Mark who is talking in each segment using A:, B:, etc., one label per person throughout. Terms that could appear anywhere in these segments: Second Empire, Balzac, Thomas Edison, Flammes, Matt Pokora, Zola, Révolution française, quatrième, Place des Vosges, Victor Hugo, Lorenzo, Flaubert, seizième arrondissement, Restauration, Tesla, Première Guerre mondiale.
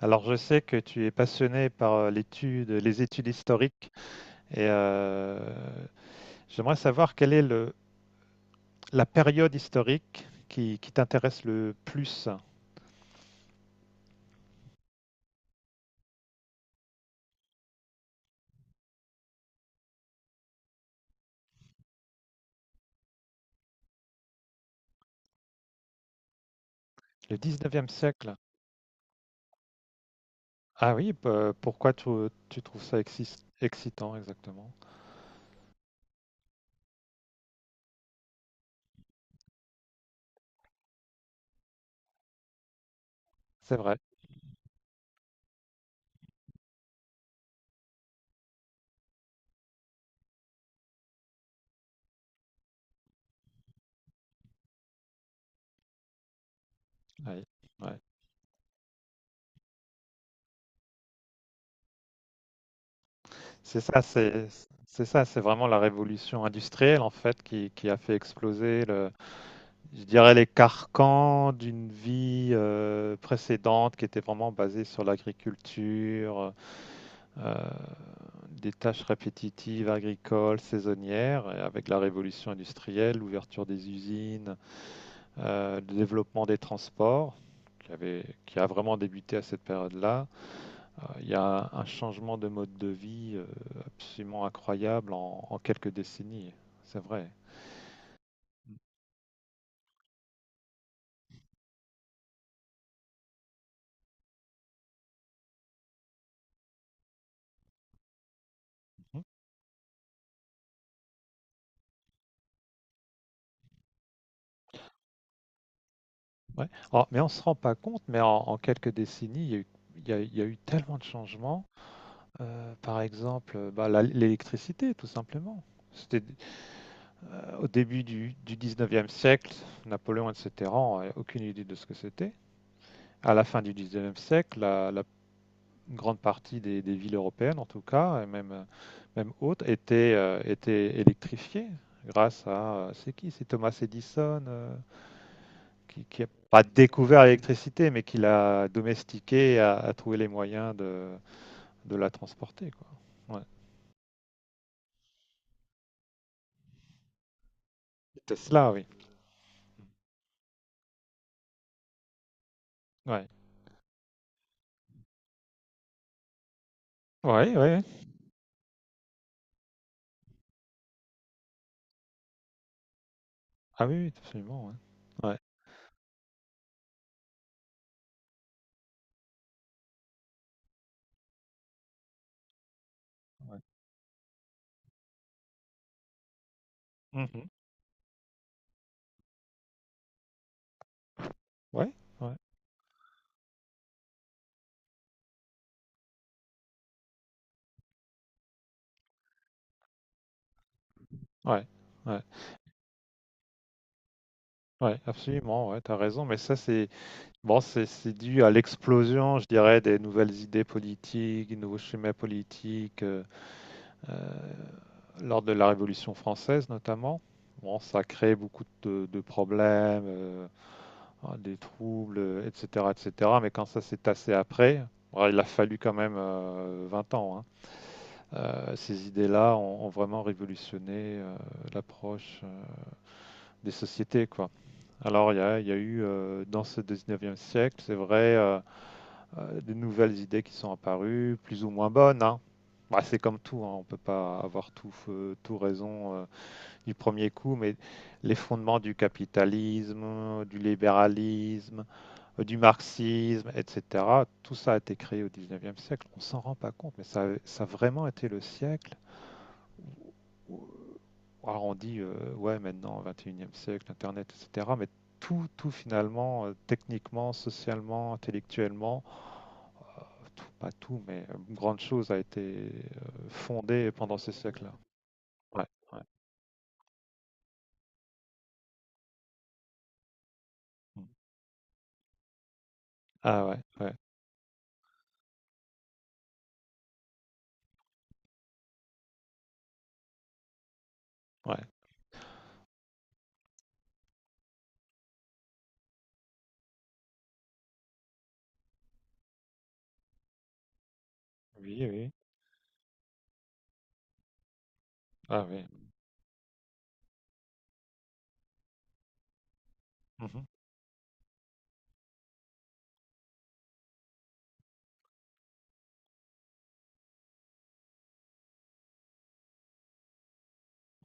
A: Alors, je sais que tu es passionné par les études historiques et j'aimerais savoir quelle est la période historique qui t'intéresse le plus, le 19e siècle. Ah oui, pourquoi tu trouves ça excitant exactement? C'est vrai. Oui, ouais. C'est ça, c'est ça, c'est vraiment la révolution industrielle en fait qui a fait exploser, je dirais, les carcans d'une vie précédente qui était vraiment basée sur l'agriculture, euh, des tâches répétitives agricoles, saisonnières, et avec la révolution industrielle, l'ouverture des usines, le développement des transports, qui a vraiment débuté à cette période-là. Il y a un changement de mode de vie absolument incroyable en quelques décennies, c'est vrai. Ouais. Alors, mais on ne se rend pas compte, mais en quelques décennies, il y a eu, il y a eu tellement de changements. Par exemple, l'électricité, tout simplement. C'était au début du 19e siècle, Napoléon, etc., on n'avait aucune idée de ce que c'était. À la fin du 19e siècle, la grande partie des villes européennes, en tout cas, et même, même autres, étaient électrifiées grâce à... C'est qui? C'est Thomas Edison, qui a pas découvert l'électricité, mais qui l'a domestiquée, et a trouvé les moyens de la transporter, quoi. Ouais. Tesla, oui. Ouais. Ouais, ouais, ouais. Ah oui, oui, absolument, ouais. Ouais. Ouais. Mhm. Ouais, ouais, ouais. Ouais, ouais, absolument, ouais, t'as raison, mais ça c'est bon, c'est dû à l'explosion, je dirais, des nouvelles idées politiques, des nouveaux schémas politiques, euh, lors de la Révolution française notamment. Bon, ça a créé beaucoup de problèmes, hein, des troubles, etc., etc. Mais quand ça s'est tassé après, bon, il a fallu quand même 20 ans. Hein. Ces idées-là ont vraiment révolutionné l'approche des sociétés, quoi. Alors, il y a eu dans ce 19e siècle, c'est vrai, de nouvelles idées qui sont apparues, plus ou moins bonnes. Hein. Bah, c'est comme tout, hein, on ne peut pas avoir tout, tout raison du premier coup, mais les fondements du capitalisme, du libéralisme, du marxisme, etc., tout ça a été créé au 19e siècle. On s'en rend pas compte, mais ça a vraiment été le siècle. où- Alors on dit, ouais, maintenant, 21e siècle, Internet, etc., mais tout, tout finalement, techniquement, socialement, intellectuellement, tout, pas tout, mais une grande chose a été, fondée pendant ces siècles-là. Ouais, ouais. Mmh. Ah ouais, ouais, ouais. Oui, oui. Ah oui. Mmh.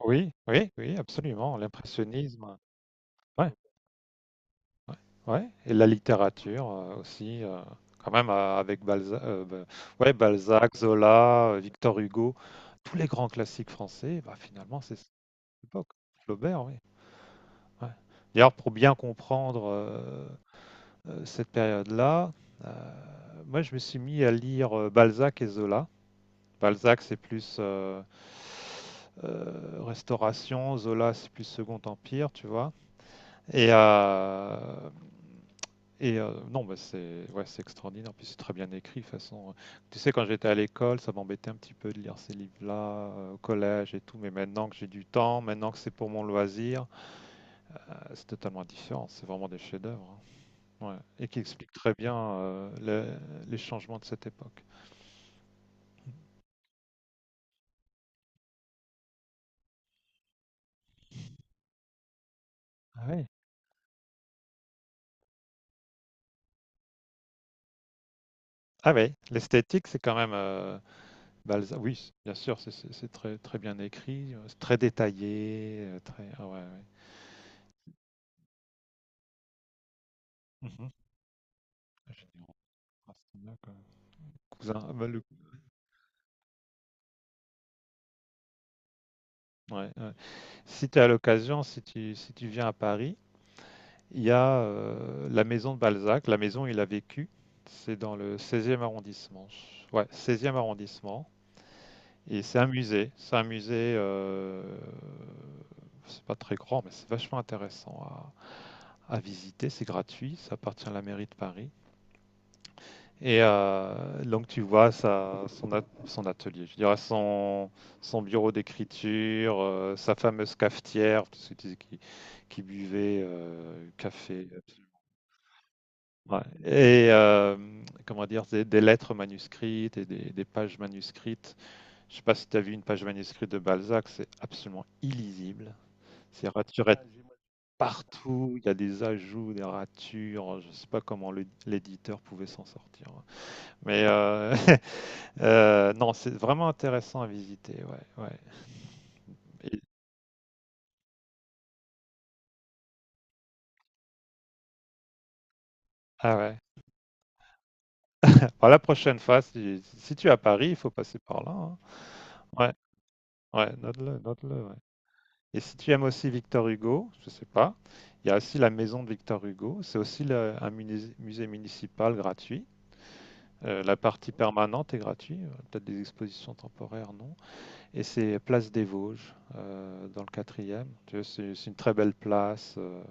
A: Oui, oui, oui, absolument, l'impressionnisme. Ouais, ouais, ouais, et la littérature, aussi, quand même, avec ouais, Balzac, Zola, Victor Hugo, tous les grands classiques français, bah, finalement, c'est cette époque. Flaubert, oui, ouais. D'ailleurs, pour bien comprendre, cette période-là, euh, moi je me suis mis à lire Balzac et Zola. Balzac c'est plus Restauration, Zola c'est plus Second Empire, tu vois. Et, euh, et non, bah, c'est ouais, c'est extraordinaire, puis c'est très bien écrit de toute façon. Tu sais, quand j'étais à l'école, ça m'embêtait un petit peu de lire ces livres-là au collège et tout, mais maintenant que j'ai du temps, maintenant que c'est pour mon loisir, c'est totalement différent, c'est vraiment des chefs-d'œuvre. Hein. Ouais, et qui explique très bien les changements de cette époque. Ah oui. Ah oui, l'esthétique, c'est quand même Balzac. Oui, bien sûr, c'est très, très bien écrit, c'est très détaillé, très. Ah ouais, ouais. Mhm. Génial. Ah, c'est bien, quoi. Cousin, ah bah, ouais, ouais. Si tu as l'occasion, si tu viens à Paris, il y a la maison de Balzac, la maison où il a vécu. C'est dans le 16e arrondissement. Ouais, 16e arrondissement. Et c'est un musée. C'est un musée. C'est pas très grand, mais c'est vachement intéressant à visiter. C'est gratuit. Ça appartient à la mairie de Paris. Et donc tu vois son atelier, je dirais son bureau d'écriture, sa fameuse cafetière, parce que tu disais qu'il buvait café. Ouais. Et comment dire, des lettres manuscrites et des pages manuscrites. Je sais pas si tu as vu une page manuscrite de Balzac, c'est absolument illisible. C'est raturé de partout, il y a des ajouts, des ratures, je sais pas comment l'éditeur pouvait s'en sortir. Mais non, c'est vraiment intéressant à visiter, ouais, ouais. Et- ah ouais. Alors, la prochaine fois, si tu es à Paris, il faut passer par là. Hein. Ouais, ouais, note-le, note-le, ouais. Et si tu aimes aussi Victor Hugo, je sais pas, il y a aussi la maison de Victor Hugo, c'est aussi un musée municipal gratuit. La partie permanente est gratuite, peut-être des expositions temporaires, non. Et c'est Place des Vosges, dans le quatrième. Tu vois, c'est une très belle place euh,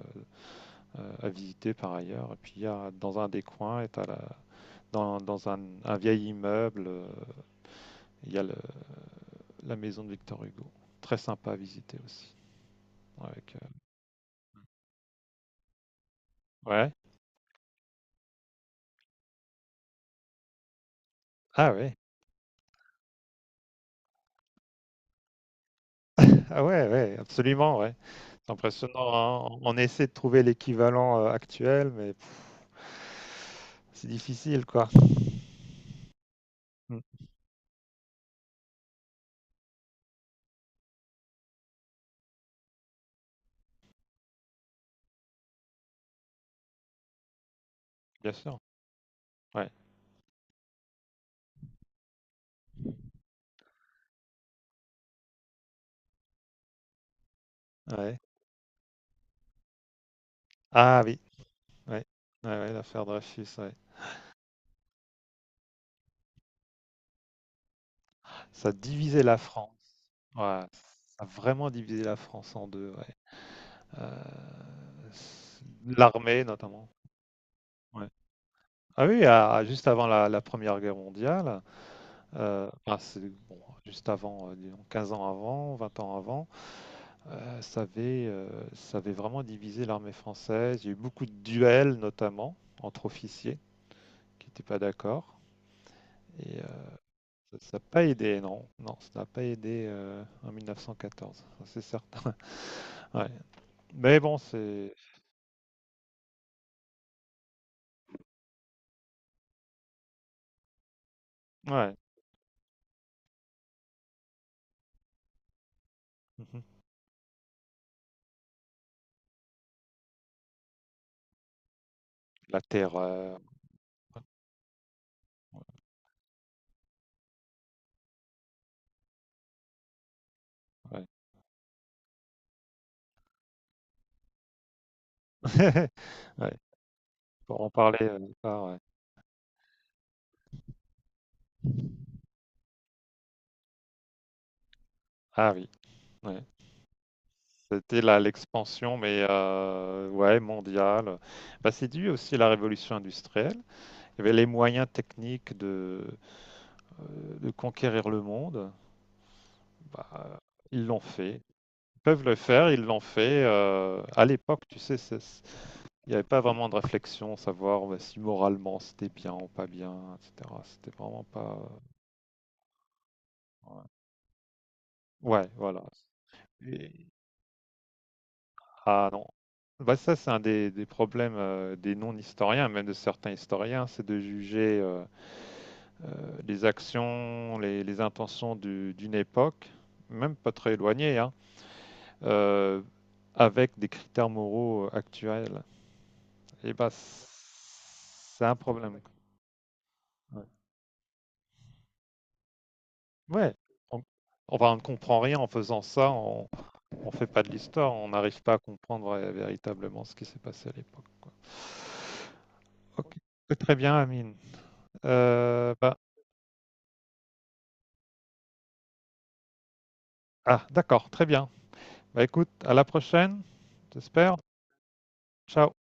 A: euh, à visiter par ailleurs. Et puis, il y a, dans un des coins, et t'as dans un vieil immeuble, il y a la maison de Victor Hugo. Très sympa à visiter aussi. Avec, ouais. Ah ouais, ah ouais, ouais, absolument, ouais. C'est impressionnant, hein. On essaie de trouver l'équivalent actuel, mais pff, c'est difficile, quoi. Hmm. Bien sûr, ouais, ouais. Ah oui, ouais, ouais, ouais, l'affaire Dreyfus, ouais. Ça a divisé la France. Ouais, ça a vraiment divisé la France en deux, ouais. Euh, L'armée notamment. Ouais. Ah oui, juste avant la Première Guerre mondiale, enfin, bon, juste avant, disons 15 ans avant, 20 ans avant, euh, ça avait, euh, ça avait vraiment divisé l'armée française. Il y a eu beaucoup de duels notamment entre officiers qui n'étaient pas d'accord. Ça n'a pas aidé, non. Non, ça n'a pas aidé en 1914, ça, c'est certain. Ouais. Mais bon, c'est... Ouais. Mhm. La terreur. Ouais. Ouais. Pour en parler, ah, ouais. Ah oui, ouais. C'était l'expansion, mais ouais, mondiale. Bah, c'est dû aussi à la révolution industrielle. Il y avait les moyens techniques de conquérir le monde. Bah, ils l'ont fait. Peuvent le faire, ils l'ont fait. À l'époque, tu sais, il n'y avait pas vraiment de réflexion, savoir bah, si moralement c'était bien ou pas bien, etc. C'était vraiment pas. Ouais, ouais, voilà. Et- Ah non. Bah, ça, c'est un des problèmes des non-historiens, même de certains historiens, c'est de juger les actions, les intentions d'une époque, même pas très éloignée, hein, euh, avec des critères moraux actuels. Et bah, c'est un problème. Ouais. Ouais. On, enfin, on ne comprend rien en faisant ça, on ne fait pas de l'histoire, on n'arrive pas à comprendre véritablement ce qui s'est passé à l'époque, quoi. Ok. Très bien, Amine. Euh, bah, ah, d'accord, très bien. Bah écoute, à la prochaine, j'espère. Ciao.